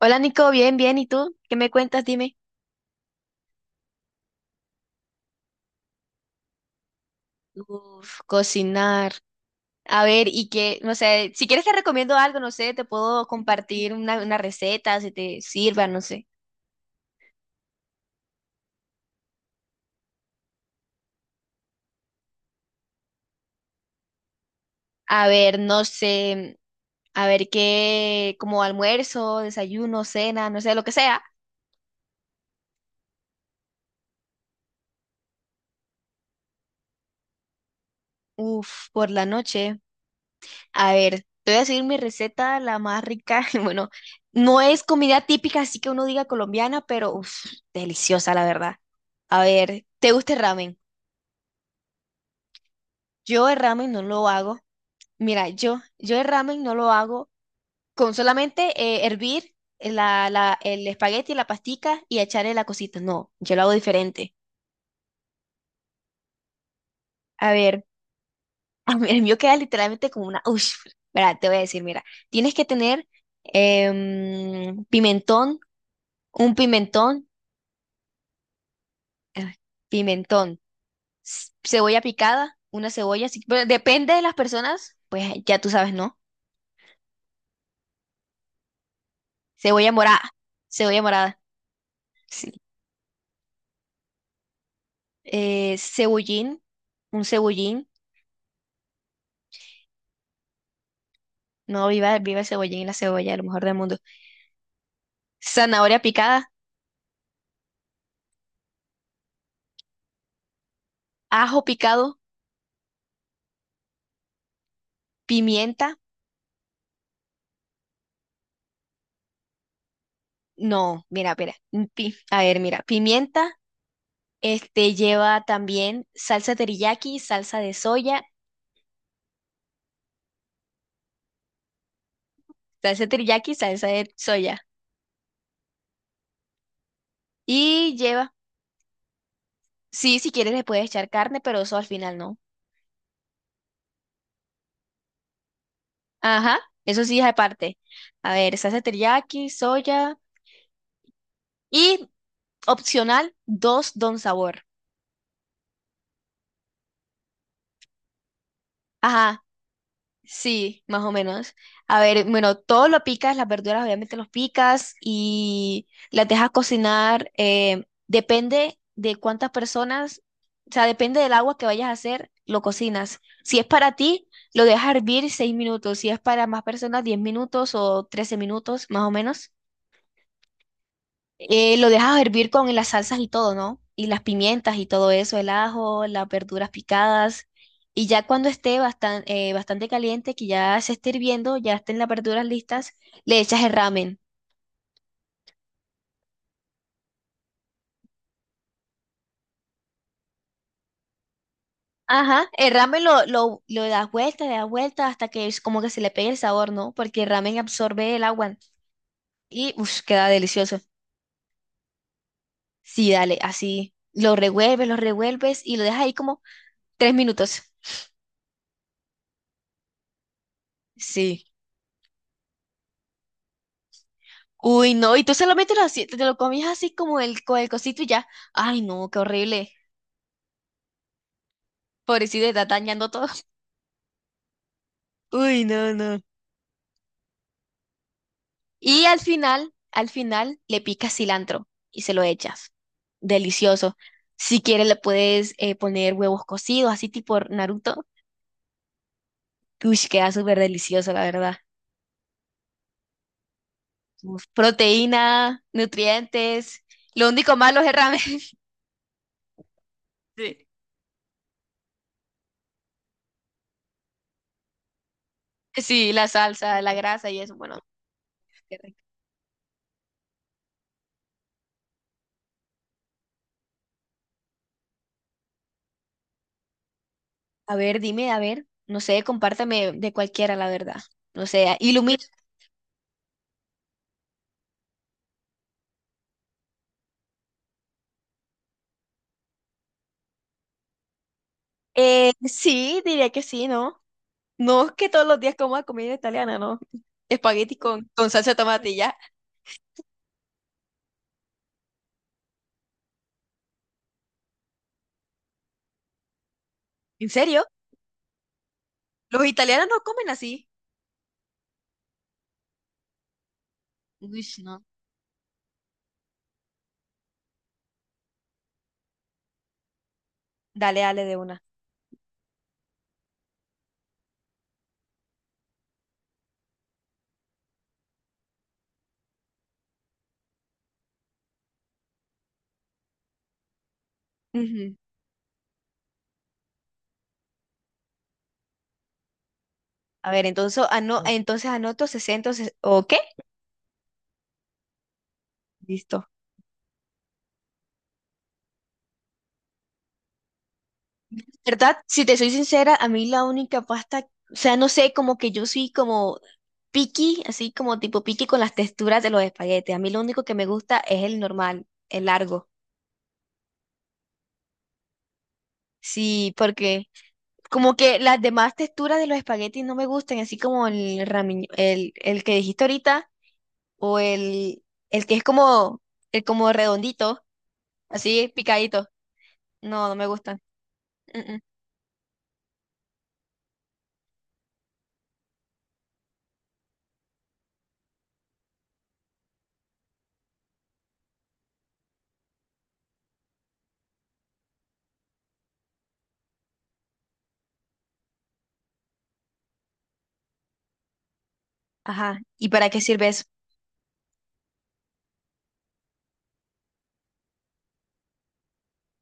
Hola Nico, bien, bien. ¿Y tú? ¿Qué me cuentas? Dime. Uf, cocinar. A ver, y que, no sé, si quieres te recomiendo algo, no sé, te puedo compartir una receta, si te sirva, no sé. A ver, no sé, a ver qué, como almuerzo, desayuno, cena, no sé, lo que sea. Uf, por la noche. A ver, te voy a decir mi receta, la más rica. Bueno, no es comida típica, así que uno diga colombiana, pero uf, deliciosa, la verdad. A ver, ¿te gusta el ramen? Yo el ramen no lo hago. Mira, yo el ramen no lo hago con solamente hervir el espagueti, la pastica y echarle la cosita. No, yo lo hago diferente. A ver, el mío queda literalmente como una Ush, mira, te voy a decir, mira, tienes que tener pimentón, un pimentón, eh, pimentón, cebolla picada, una cebolla, sí, bueno, depende de las personas, pues ya tú sabes, ¿no? Cebolla morada, cebolla morada. Sí, cebollín, un cebollín, no, viva, viva el cebollín y la cebolla, lo mejor del mundo. Zanahoria picada, ajo picado, pimienta. No, mira, mira, mm, pi- a ver, mira, pimienta, este lleva también salsa teriyaki, salsa de soya, salsa teriyaki, salsa de soya. Y lleva, sí, si quieres le puedes echar carne, pero eso al final no. Ajá, eso sí es aparte. A ver, salsa teriyaki, soya y opcional, dos don sabor. Ajá. Sí, más o menos. A ver, bueno, todo lo picas, las verduras obviamente los picas y las dejas cocinar. Depende de cuántas personas, o sea, depende del agua que vayas a hacer, lo cocinas. Si es para ti, lo dejas hervir seis minutos. Si es para más personas, 10 minutos o 13 minutos, más o menos. Lo dejas hervir con las salsas y todo, ¿no? Y las pimientas y todo eso, el ajo, las verduras picadas. Y ya cuando esté bastante caliente, que ya se esté hirviendo, ya estén las verduras listas, le echas el ramen. Ajá, el ramen lo das vuelta, le das vuelta hasta que es como que se le pegue el sabor, ¿no? Porque el ramen absorbe el agua y uff, queda delicioso. Sí, dale, así. Lo revuelves y lo dejas ahí como tres minutos. Sí. Uy, no, y tú solamente te lo comías así como con el cosito y ya. Ay, no, qué horrible. Pobrecito, está dañando todo. Uy, no, no. Y al final, le picas cilantro y se lo echas. Delicioso. Si quieres, le puedes poner huevos cocidos, así tipo Naruto. Uy, queda súper delicioso, la verdad. Uf, proteína, nutrientes. Lo único malo es el ramen. Sí. Sí, la salsa, la grasa y eso. Bueno, a ver, dime, a ver, no sé, compárteme de cualquiera, la verdad. No sé, ilumina. Sí, diría que sí, ¿no? No es que todos los días coma comida italiana, ¿no? Espagueti con salsa de tomate y ya. ¿En serio? Los italianos no comen así. Uy, no. Dale, dale de una. Ujú. A ver, entonces, entonces anoto 60 o qué. Listo. ¿Verdad? Si te soy sincera, a mí la única pasta, o sea, no sé, como que yo soy como Piqui, así como tipo piqui con las texturas de los espaguetes. A mí lo único que me gusta es el normal, el largo. Sí, porque como que las demás texturas de los espaguetis no me gustan, así como el que dijiste ahorita, o el, el que es como, el como redondito, así picadito. No, no me gustan. Mm, mm. Ajá. ¿Y para qué sirve eso?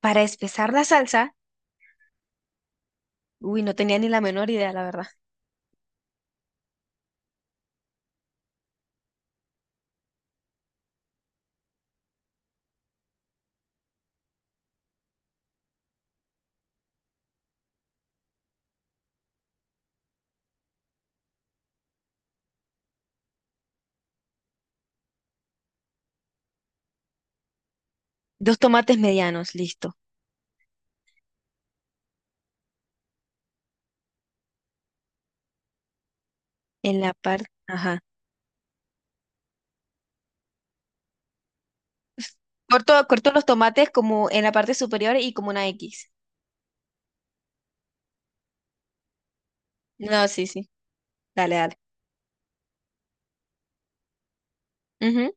Para espesar la salsa. Uy, no tenía ni la menor idea, la verdad. Dos tomates medianos, listo. En la parte, ajá. Corto, corto los tomates como en la parte superior y como una X. No, sí, sí. Dale, dale. Ujú.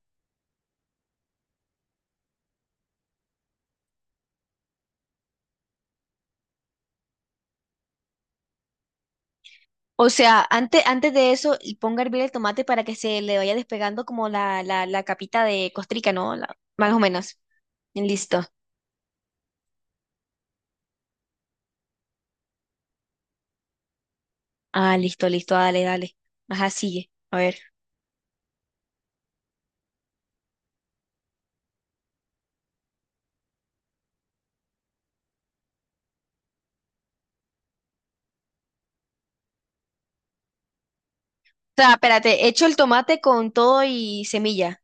O sea, antes, antes de eso, y ponga a hervir el tomate para que se le vaya despegando como la capita de costrica, ¿no? La- más o menos. Listo. Ah, listo, listo. Dale, dale. Ajá, sigue. A ver. O sea, espérate, echo el tomate con todo y semilla.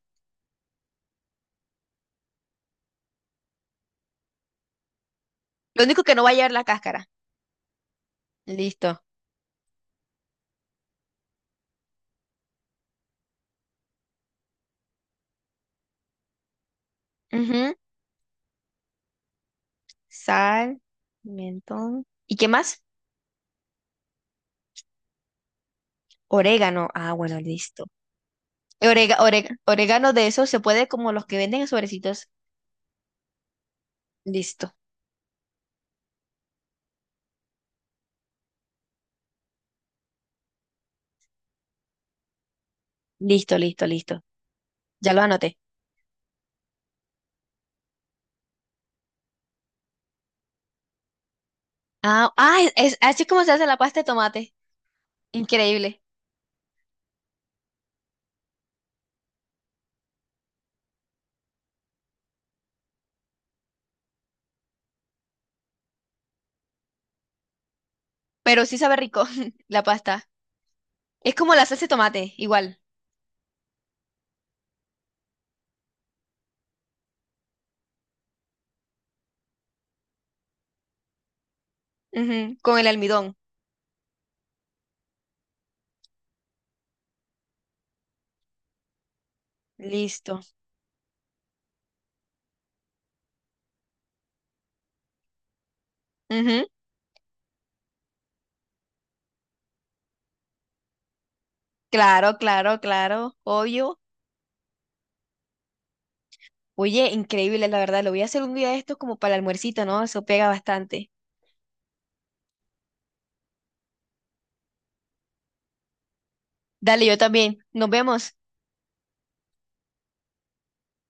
Lo único que no va a llevar la cáscara. Listo. Ujú. Sal, pimentón. ¿Y qué más? Orégano. Ah, bueno, listo. Orégano de esos se puede como los que venden en sobrecitos. Listo, listo. Ya lo anoté. Es así como se hace la pasta de tomate. Increíble. Pero sí sabe rico la pasta. Es como la salsa de tomate, igual. Ujú, con el almidón. Listo. Ujú, claro, claro, claro. Obvio. Oye, increíble, la verdad. Lo voy a hacer un día de estos como para el almuercito, ¿no? Eso pega bastante. Dale, yo también. Nos vemos.